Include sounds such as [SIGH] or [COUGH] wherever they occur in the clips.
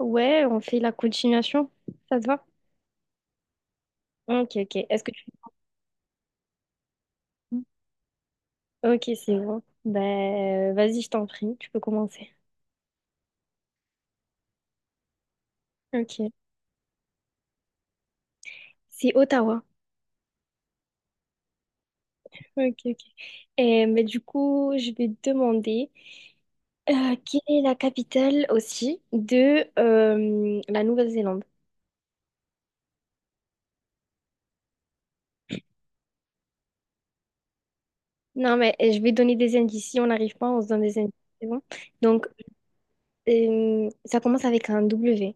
Ouais, on fait la continuation. Ça te va? Ok, ok. Est-ce que tu... Ok, c'est bon. Ben, vas-y, je t'en prie, tu peux commencer. Ok. C'est Ottawa. Ok, ok. Et, mais du coup, je vais te demander quelle est la capitale aussi de la Nouvelle-Zélande? Non, mais je vais donner des indices. Si on n'arrive pas, on se donne des indices. C'est bon? Donc, ça commence avec un W.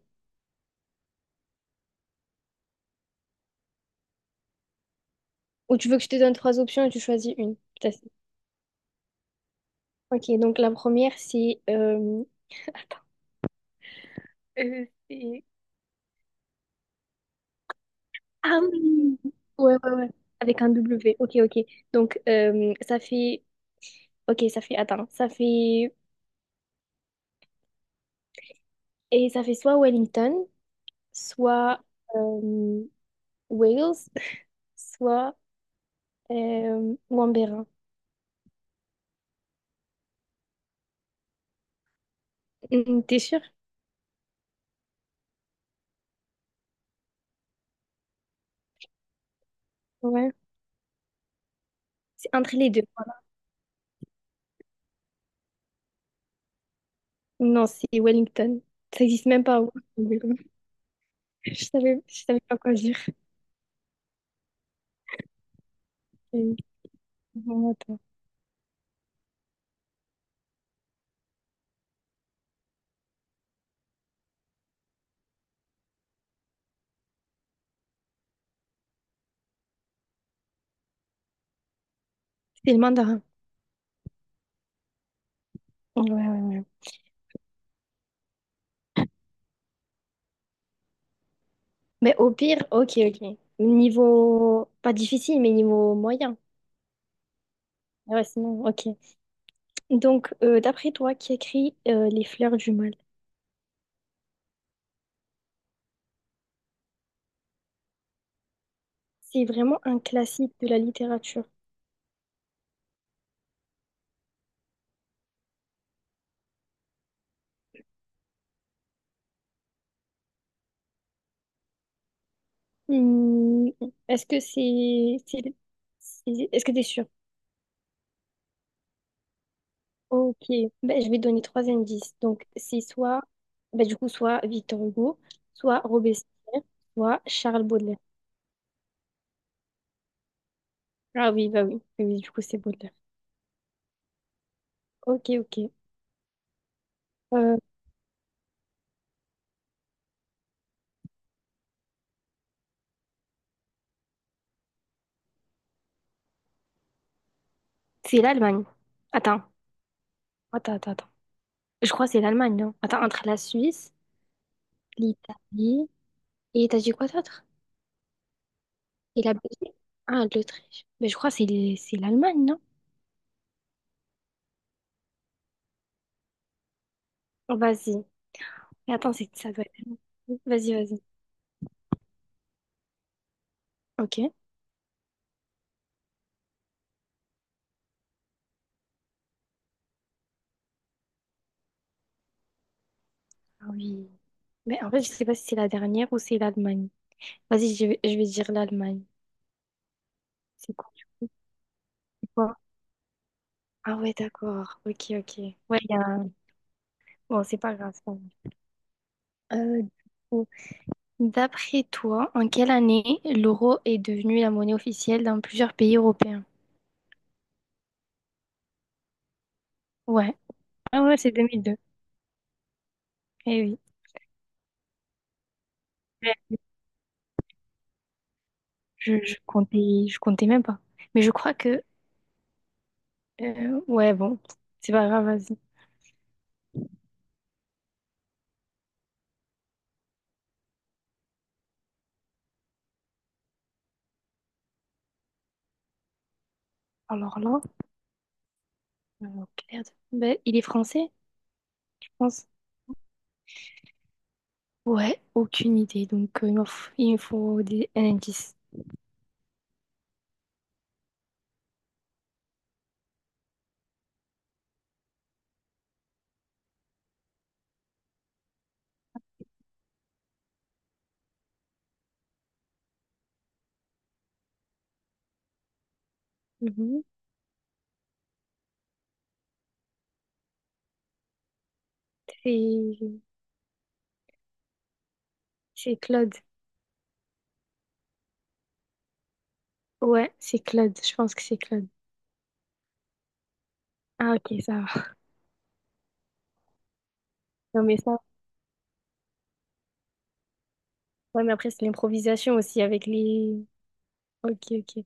Ou tu veux que je te donne trois options et tu choisis une. Putain. Ok, donc la première, c'est Euh, c'est- ah oui, ouais, ouais, ouais, avec un W. Ok, ok. Donc, ça fait, ok, ça fait, attends, ça fait, et ça fait soit Wellington, soit euh, Wales, [LAUGHS] soit Wambérin. Mm, t'es sûr? Ouais. C'est entre les deux, voilà. Non, c'est Wellington. Ça existe même pas. Wambérin. [LAUGHS] Je savais pas quoi dire. C'est vraiment à toi. C'est le mandarin. Ouais, ouais, ouais. Mais au pire, ok, ok. Niveau, pas difficile, mais niveau moyen. Ah ouais, sinon, ok. Donc, d'après toi, qui écrit Les fleurs du mal? C'est vraiment un classique de la littérature. Hmm, est-ce que c'est... Est-ce que t'es sûr? Ok. Ben, je vais donner trois indices. Donc, c'est soit... ben, du coup, soit Victor Hugo, soit Robespierre, soit Charles Baudelaire. Ah oui, bah oui. Oui, du coup, c'est Baudelaire. Ok, ok. Euh, c'est l'Allemagne. Attends. Attends, attends, attends. Je crois que c'est l'Allemagne, non? Attends, entre la Suisse, l'Italie et t'as dit quoi d'autre? Et la Belgique? Ah, l'Autriche. Mais je crois que c'est c'est l'Allemagne, non? Oh, vas-y. Mais attends, c'est ça doit être. Vas-y, vas-y. Ok. Ah oui. Mais en fait, je sais pas si c'est la dernière ou c'est l'Allemagne. Vas-y, je vais dire l'Allemagne. C'est quoi? C'est quoi? Ah ouais, d'accord. Ok, ok. Ouais. il y a... un- Bon, c'est pas grave, c'est pas grave. Du coup, d'après toi, en quelle année l'euro est devenu la monnaie officielle dans plusieurs pays européens? Ouais. Ah ouais, c'est 2002. Eh oui. Ouais. Je comptais même pas. Mais je crois que, ouais, bon, c'est pas grave, vas-y. Alors là, euh, merde. Ben, il est français, je pense. Ouais, aucune idée. Donc, il me faut, un indice. Mhm. C'est, c'est Claude. Ouais, c'est Claude. Je pense que c'est Claude. Ah, ok, ça va. Non, mais ça, ouais, mais après, c'est l'improvisation aussi avec les... Ok, ok.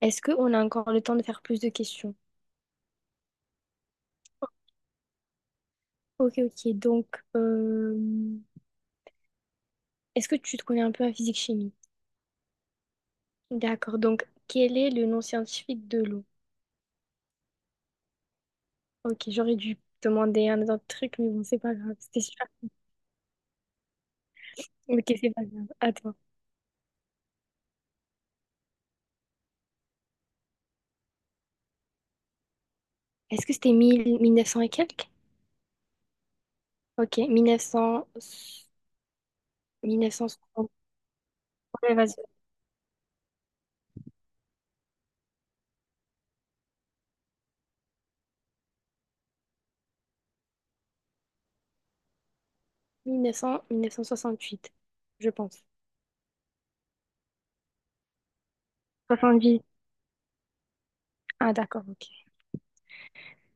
Est-ce qu'on a encore le temps de faire plus de questions? Ok, ok. Donc, euh, est-ce que tu te connais un peu en physique-chimie? D'accord. Donc, quel est le nom scientifique de l'eau? Ok, j'aurais dû demander un autre truc, mais bon, c'est pas grave. C'était super. Ok, c'est pas grave. Attends. Est-ce que c'était mille mille neuf 1900 et quelques? Ok, 1900... 1960. Ouais, vas-y. 1968, je pense. 70. Ah, d'accord, ok.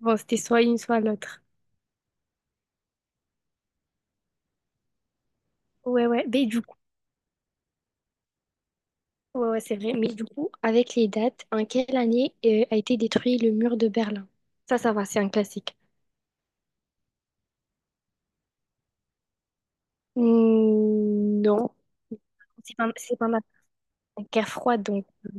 Bon, c'était soit une, soit l'autre. Ouais, ouais. Mais du coup, ouais, ouais, c'est vrai. Mais du coup, avec les dates, en quelle année a été détruit le mur de Berlin? Ça va, c'est un classique. Hmm, non. C'est pas, c'est pendant la guerre froide, donc,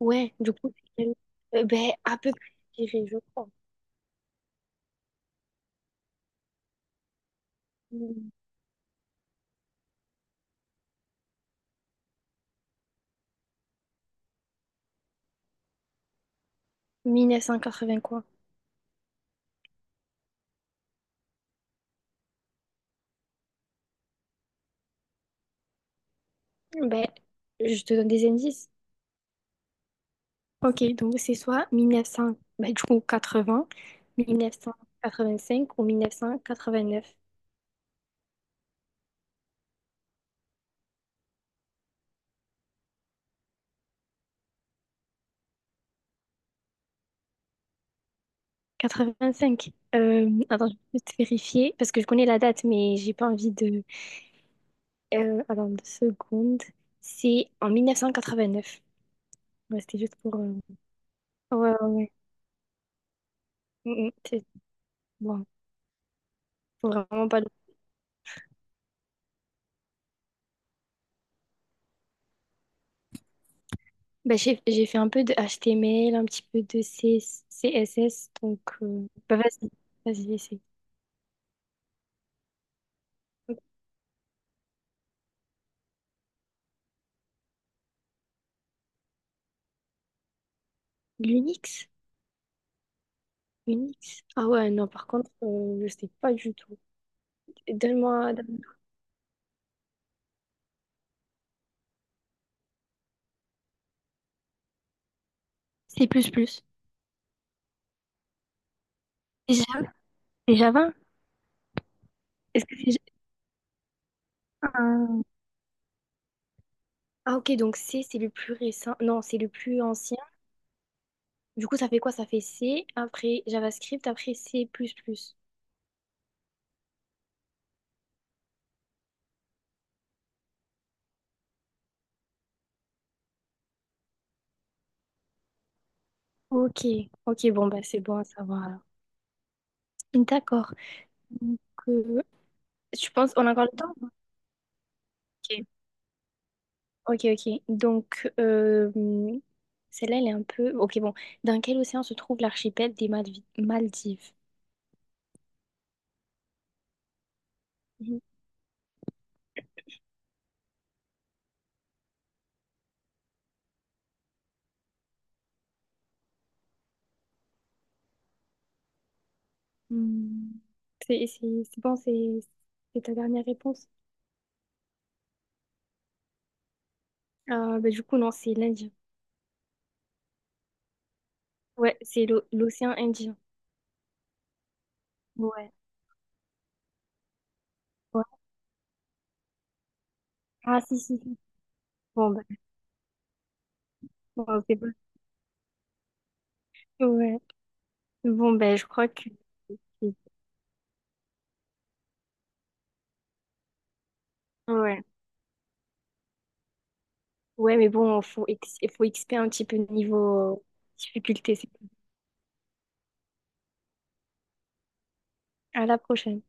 ouais, du coup, ben, à peu près, je dirais, je crois. Hmm, 1980, quoi. Ben, je te donne des indices. Ok, donc c'est soit 1900, ben, du coup, 80, 1985 ou 1989. 85. Attends, je vais juste vérifier parce que je connais la date, mais j'ai pas envie de. Attends, deux secondes. C'est en 1989. Ouais, c'était juste pour. Ouais, ouais, ouais. Mm, mm, c'est bon. Faut vraiment pas. Bah, j'ai fait un peu de HTML, un petit peu de CSS, donc. Bah, vas-y, vas-y, essaye. L'Unix? Unix? Ah ouais, non, par contre, je sais pas du tout. Donne-moi. C'est plus plus. C'est Java? C'est Java? Est-ce que c'est Java? Ah ok, donc C, c'est le plus récent. Non, c'est le plus ancien. Du coup, ça fait quoi? Ça fait C, après JavaScript, après C++. Ok, ok, bon, bah c'est bon à savoir alors. D'accord. Donc, euh, je pense, on a encore le temps? Ok, ok, ok. Donc, celle-là, elle est un peu... Ok, bon. Dans quel océan se trouve l'archipel des Maldives? Mhm. Hmm. C'est bon, c'est ta dernière réponse? Ah, bah, du coup, non, c'est l'Indien. Ouais, c'est l'océan Indien. Ouais. Ah, si, si, si. Bon, bah, bon, c'est bon. Ouais. Bon, ben, je crois que. Ouais. Ouais, mais bon, faut, faut XP un petit peu niveau difficulté. C'est À la prochaine.